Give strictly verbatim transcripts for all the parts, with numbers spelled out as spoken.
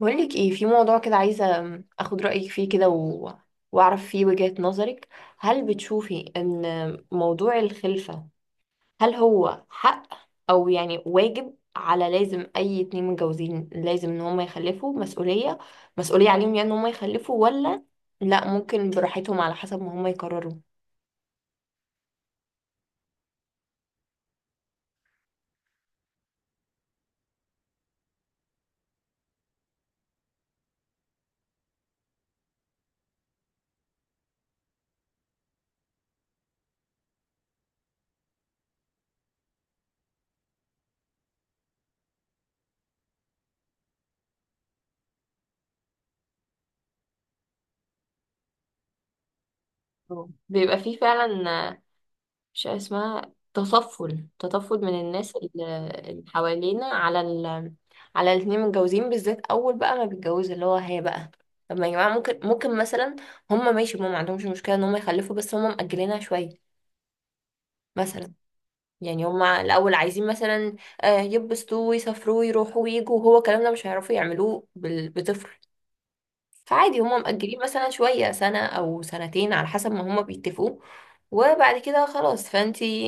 بقولك ايه في موضوع كده، عايزة اخد رأيك فيه كده و... واعرف فيه وجهة نظرك. هل بتشوفي ان موضوع الخلفة، هل هو حق او يعني واجب، على لازم اي اتنين متجوزين لازم ان هم يخلفوا، مسؤولية مسؤولية عليهم يعني ان هم يخلفوا، ولا لا، ممكن براحتهم على حسب ما هم يقرروا؟ اه، بيبقى فيه فعلا مش عارف اسمها، تطفل، تطفل من الناس ال- اللي حوالينا، على ال، على الاتنين متجوزين بالذات اول بقى ما بيتجوز، اللي هو هي بقى. طب ما يا جماعه ممكن ممكن مثلا هم ماشي، هم ما عندهمش مشكله ان هم يخلفوا، بس هم مأجلينها شويه مثلا. يعني هم الاول عايزين مثلا، آه، يبسطوا ويسافروا ويروحوا ويجوا، وهو الكلام ده مش هيعرفوا يعملوه بال- بطفل. فعادي هما مأجلين مثلا شوية، سنة أو سنتين على حسب ما هما بيتفقوا، وبعد كده خلاص. فانتي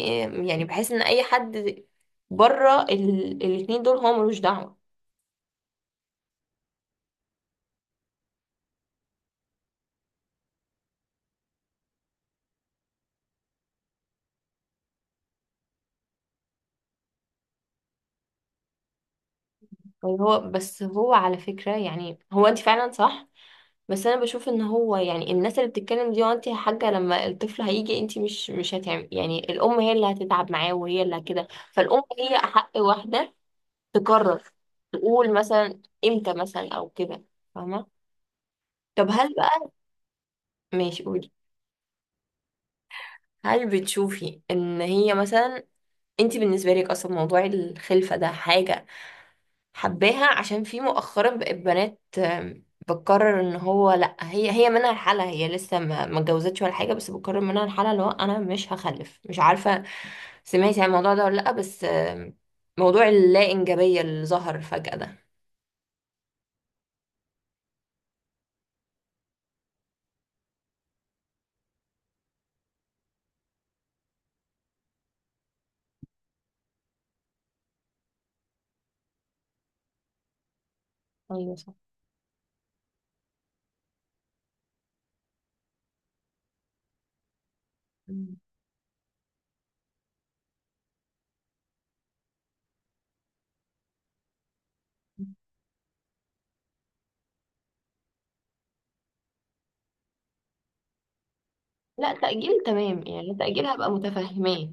يعني بحس ان اي حد بره ال... الاتنين دول هو ملوش دعوة. يعني هو، بس هو على فكرة، يعني هو انت فعلا صح، بس انا بشوف ان هو يعني الناس اللي بتتكلم دي، وانت يا حاجة لما الطفل هيجي انت مش مش هتعمل، يعني الام هي اللي هتتعب معاه وهي اللي كده، فالام هي احق واحدة تقرر، تقول مثلا امتى مثلا او كده، فاهمة؟ طب هل بقى، ماشي قولي. هل بتشوفي ان هي مثلا، انت بالنسبه لك اصلا موضوع الخلفه ده حاجه حباها؟ عشان في مؤخرا بقت بنات، آم، بتقرر ان هو لا، هي هي منها الحالة، هي لسه ما ما اتجوزتش ولا حاجه، بس بتقرر منها الحالة اللي هو انا مش هخلف. مش عارفه سمعتي عن الموضوع ده ولا لا، بس آم، موضوع اللا انجابيه اللي ظهر فجاه ده. ايوه صح. مم. لا تأجيل تمام، يعني تأجيل هبقى متفهماه.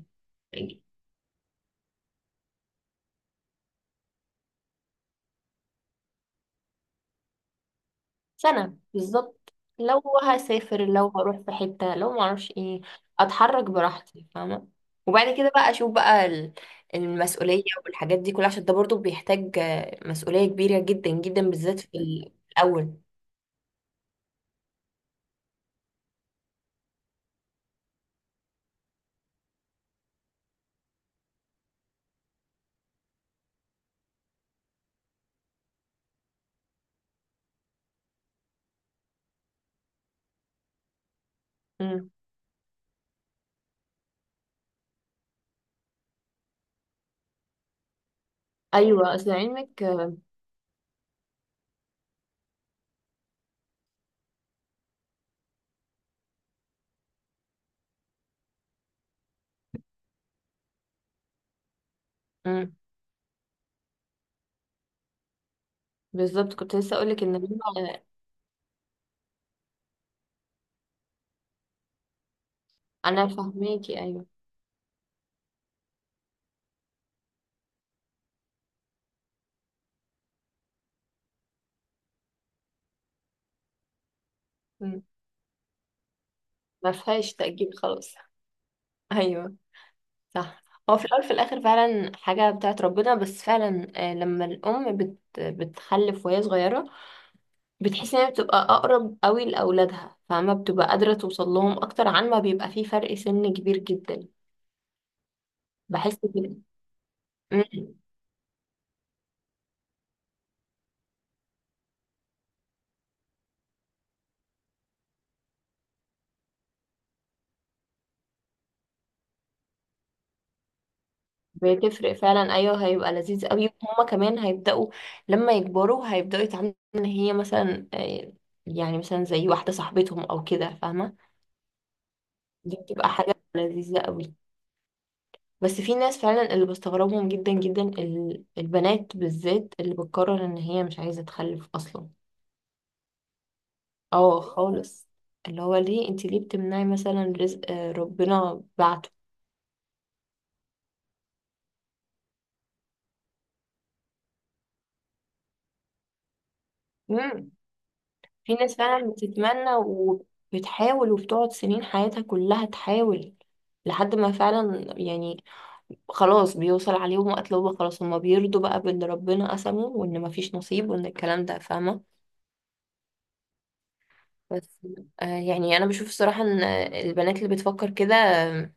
سنة بالظبط، لو هسافر، لو هروح في حتة، لو معرفش ايه، اتحرك براحتي، فاهمة؟ وبعد كده بقى اشوف بقى ال- المسؤولية والحاجات دي كلها، عشان ده برضو بيحتاج آه، مسؤولية كبيرة جدا جدا بالذات في ال- الأول. مم. ايوه اصل علمك آه، مم. بالظبط، كنت لسه اقولك ان هو- انا فاهماكي ايوه. مم. ما فيهاش تأجيل خلاص ايوه صح. هو في الأول في الآخر فعلا حاجة بتاعت ربنا، بس فعلا آه، لما الأم بت بتخلف وهي صغيرة، بتحس إن هي بتبقى أقرب قوي لأولادها، فما بتبقى قادرة توصل لهم أكتر عن ما بيبقى فيه فرق سن كبير جدا. بحس كده. أمم. بتفرق فعلا أيوه، هيبقى لذيذ قوي. هما كمان هيبدأوا لما يكبروا، هيبدأوا يتعاملوا إن هي مثلا آه، يعني مثلا زي واحدة صاحبتهم أو كده، فاهمة؟ دي بتبقى حاجة لذيذة قوي. بس في ناس فعلا اللي بستغربهم جدا جدا، ال- البنات بالذات اللي بتقرر ان هي مش عايزة تخلف اصلا. اه خالص. اللي هو ليه؟ انت ليه بتمنعي مثلا رزق، آه، ربنا بعته. مم. في ناس فعلا بتتمنى وبتحاول وبتقعد سنين حياتها كلها تحاول، لحد ما فعلا يعني خلاص بيوصل عليهم وقت اللي هو خلاص، هما بيرضوا بقى باللي ربنا قسمه، وان مفيش نصيب، وان الكلام ده، فاهمة؟ بس آه، يعني انا بشوف الصراحة ان البنات اللي بتفكر كده آه،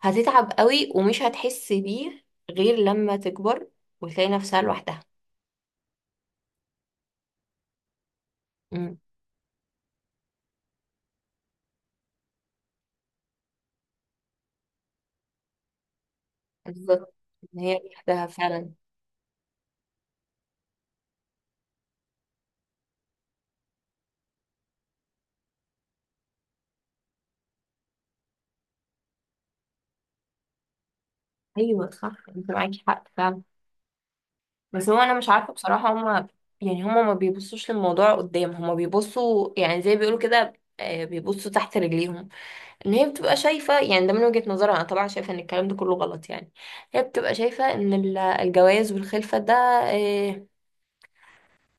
هتتعب قوي ومش هتحس بيه، غير لما تكبر وتلاقي نفسها لوحدها. امم بالظبط، ان هي لوحدها فعلا. ايوه صح، انت معاكي حق فعلا. بس هو انا مش عارفة بصراحة هما، يعني هما ما بيبصوش للموضوع قدام، هما بيبصوا يعني زي بيقولوا كده، آه، بيبصوا تحت رجليهم. ان هي بتبقى شايفة يعني، ده من وجهة نظرها، انا طبعا شايفة ان الكلام ده كله غلط يعني. هي بتبقى شايفة ان ال- الجواز والخلفة ده آه،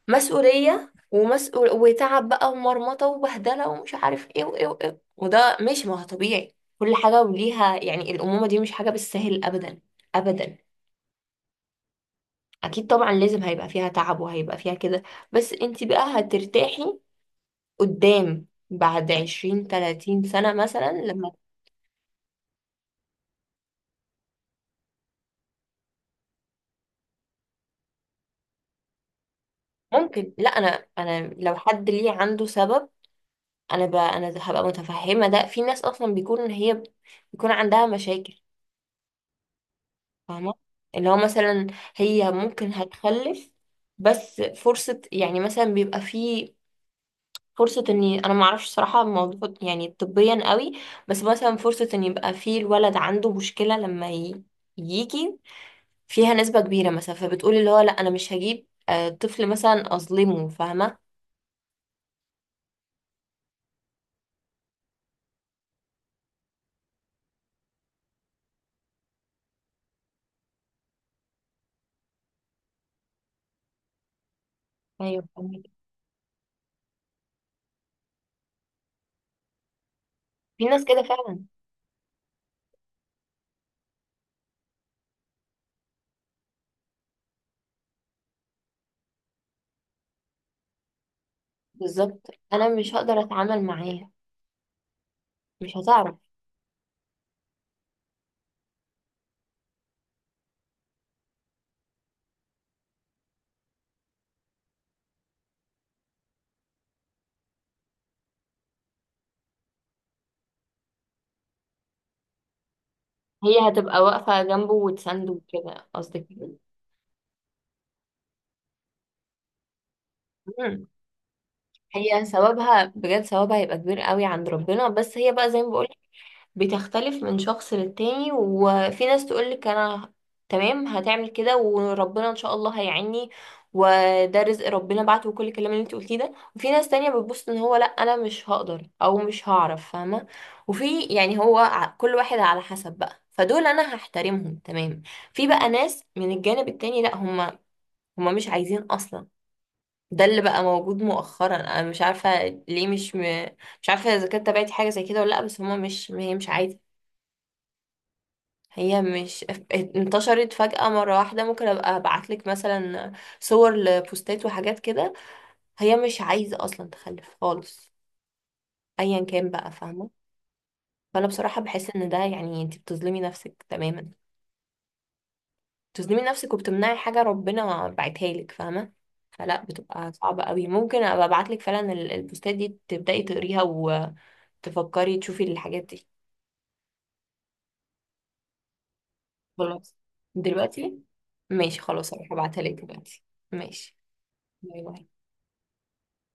مسؤولية، ومسؤول وتعب بقى، ومرمطة وبهدلة، ومش عارف ايه وايه وايه، وده مش، ما هو طبيعي كل حاجة وليها، يعني الأمومة دي مش حاجة بالسهل أبدا، أبدا. أكيد طبعا لازم هيبقى فيها تعب، وهيبقى فيها كده، بس انت بقى هترتاحي قدام بعد عشرين تلاتين سنة مثلا لما. ممكن، لا أنا، أنا لو حد ليه عنده سبب، انا بقى انا هبقى متفهمه. ده في ناس اصلا بيكون إن هي بيكون عندها مشاكل، فاهمه؟ اللي هو مثلا، هي ممكن هتخلف، بس فرصه يعني، مثلا بيبقى في فرصه اني انا ما اعرفش صراحه الموضوع يعني طبيا قوي، بس مثلا فرصه ان يبقى في الولد عنده مشكله لما ي- يجي فيها نسبه كبيره مثلا، فبتقولي اللي هو لا انا مش هجيب آه، طفل مثلا اظلمه، فاهمه؟ ايوه فاهمك. في ناس كده فعلا. بالظبط، انا مش هقدر اتعامل معاها، مش هتعرف. هي هتبقى واقفة جنبه وتسنده وكده قصدك كده؟ مم. هي ثوابها بجد، ثوابها هيبقى كبير قوي عند ربنا، بس هي بقى زي ما بقولك، بتختلف من شخص للتاني. وفي ناس تقولك أنا تمام هتعمل كده، وربنا إن شاء الله هيعيني، وده رزق ربنا بعته، وكل الكلام اللي انت قلتيه ده. وفي ناس تانية بتبص ان هو لا، انا مش هقدر او مش هعرف، فاهمة؟ وفي يعني هو ع- كل واحد على حسب بقى، فدول انا هحترمهم تمام. في بقى ناس من الجانب التاني، لا هم هما مش عايزين اصلا. ده اللي بقى موجود مؤخرا، انا مش عارفه ليه مش م... مش عارفه اذا كانت تابعتي حاجه زي كده ولا لا، بس هما مش، هي مش عايزه. هي مش انتشرت فجأة مرة واحدة، ممكن ابقى ابعتلك مثلا صور لبوستات وحاجات كده. هي مش عايزة اصلا تخلف خالص، ايا كان بقى، فاهمة؟ فانا بصراحة بحس ان ده يعني انت بتظلمي نفسك تماما، تظلمي نفسك، وبتمنعي حاجة ربنا بعتها لك، فاهمة؟ فلا، بتبقى صعبة قوي. ممكن ابقى ابعت لك فعلا ال- البوستات دي تبدأي تقريها، وتفكري تشوفي الحاجات دي. خلاص، دلوقتي. ماشي خلاص، هروح ابعتها لك دلوقتي. ماشي. باي باي.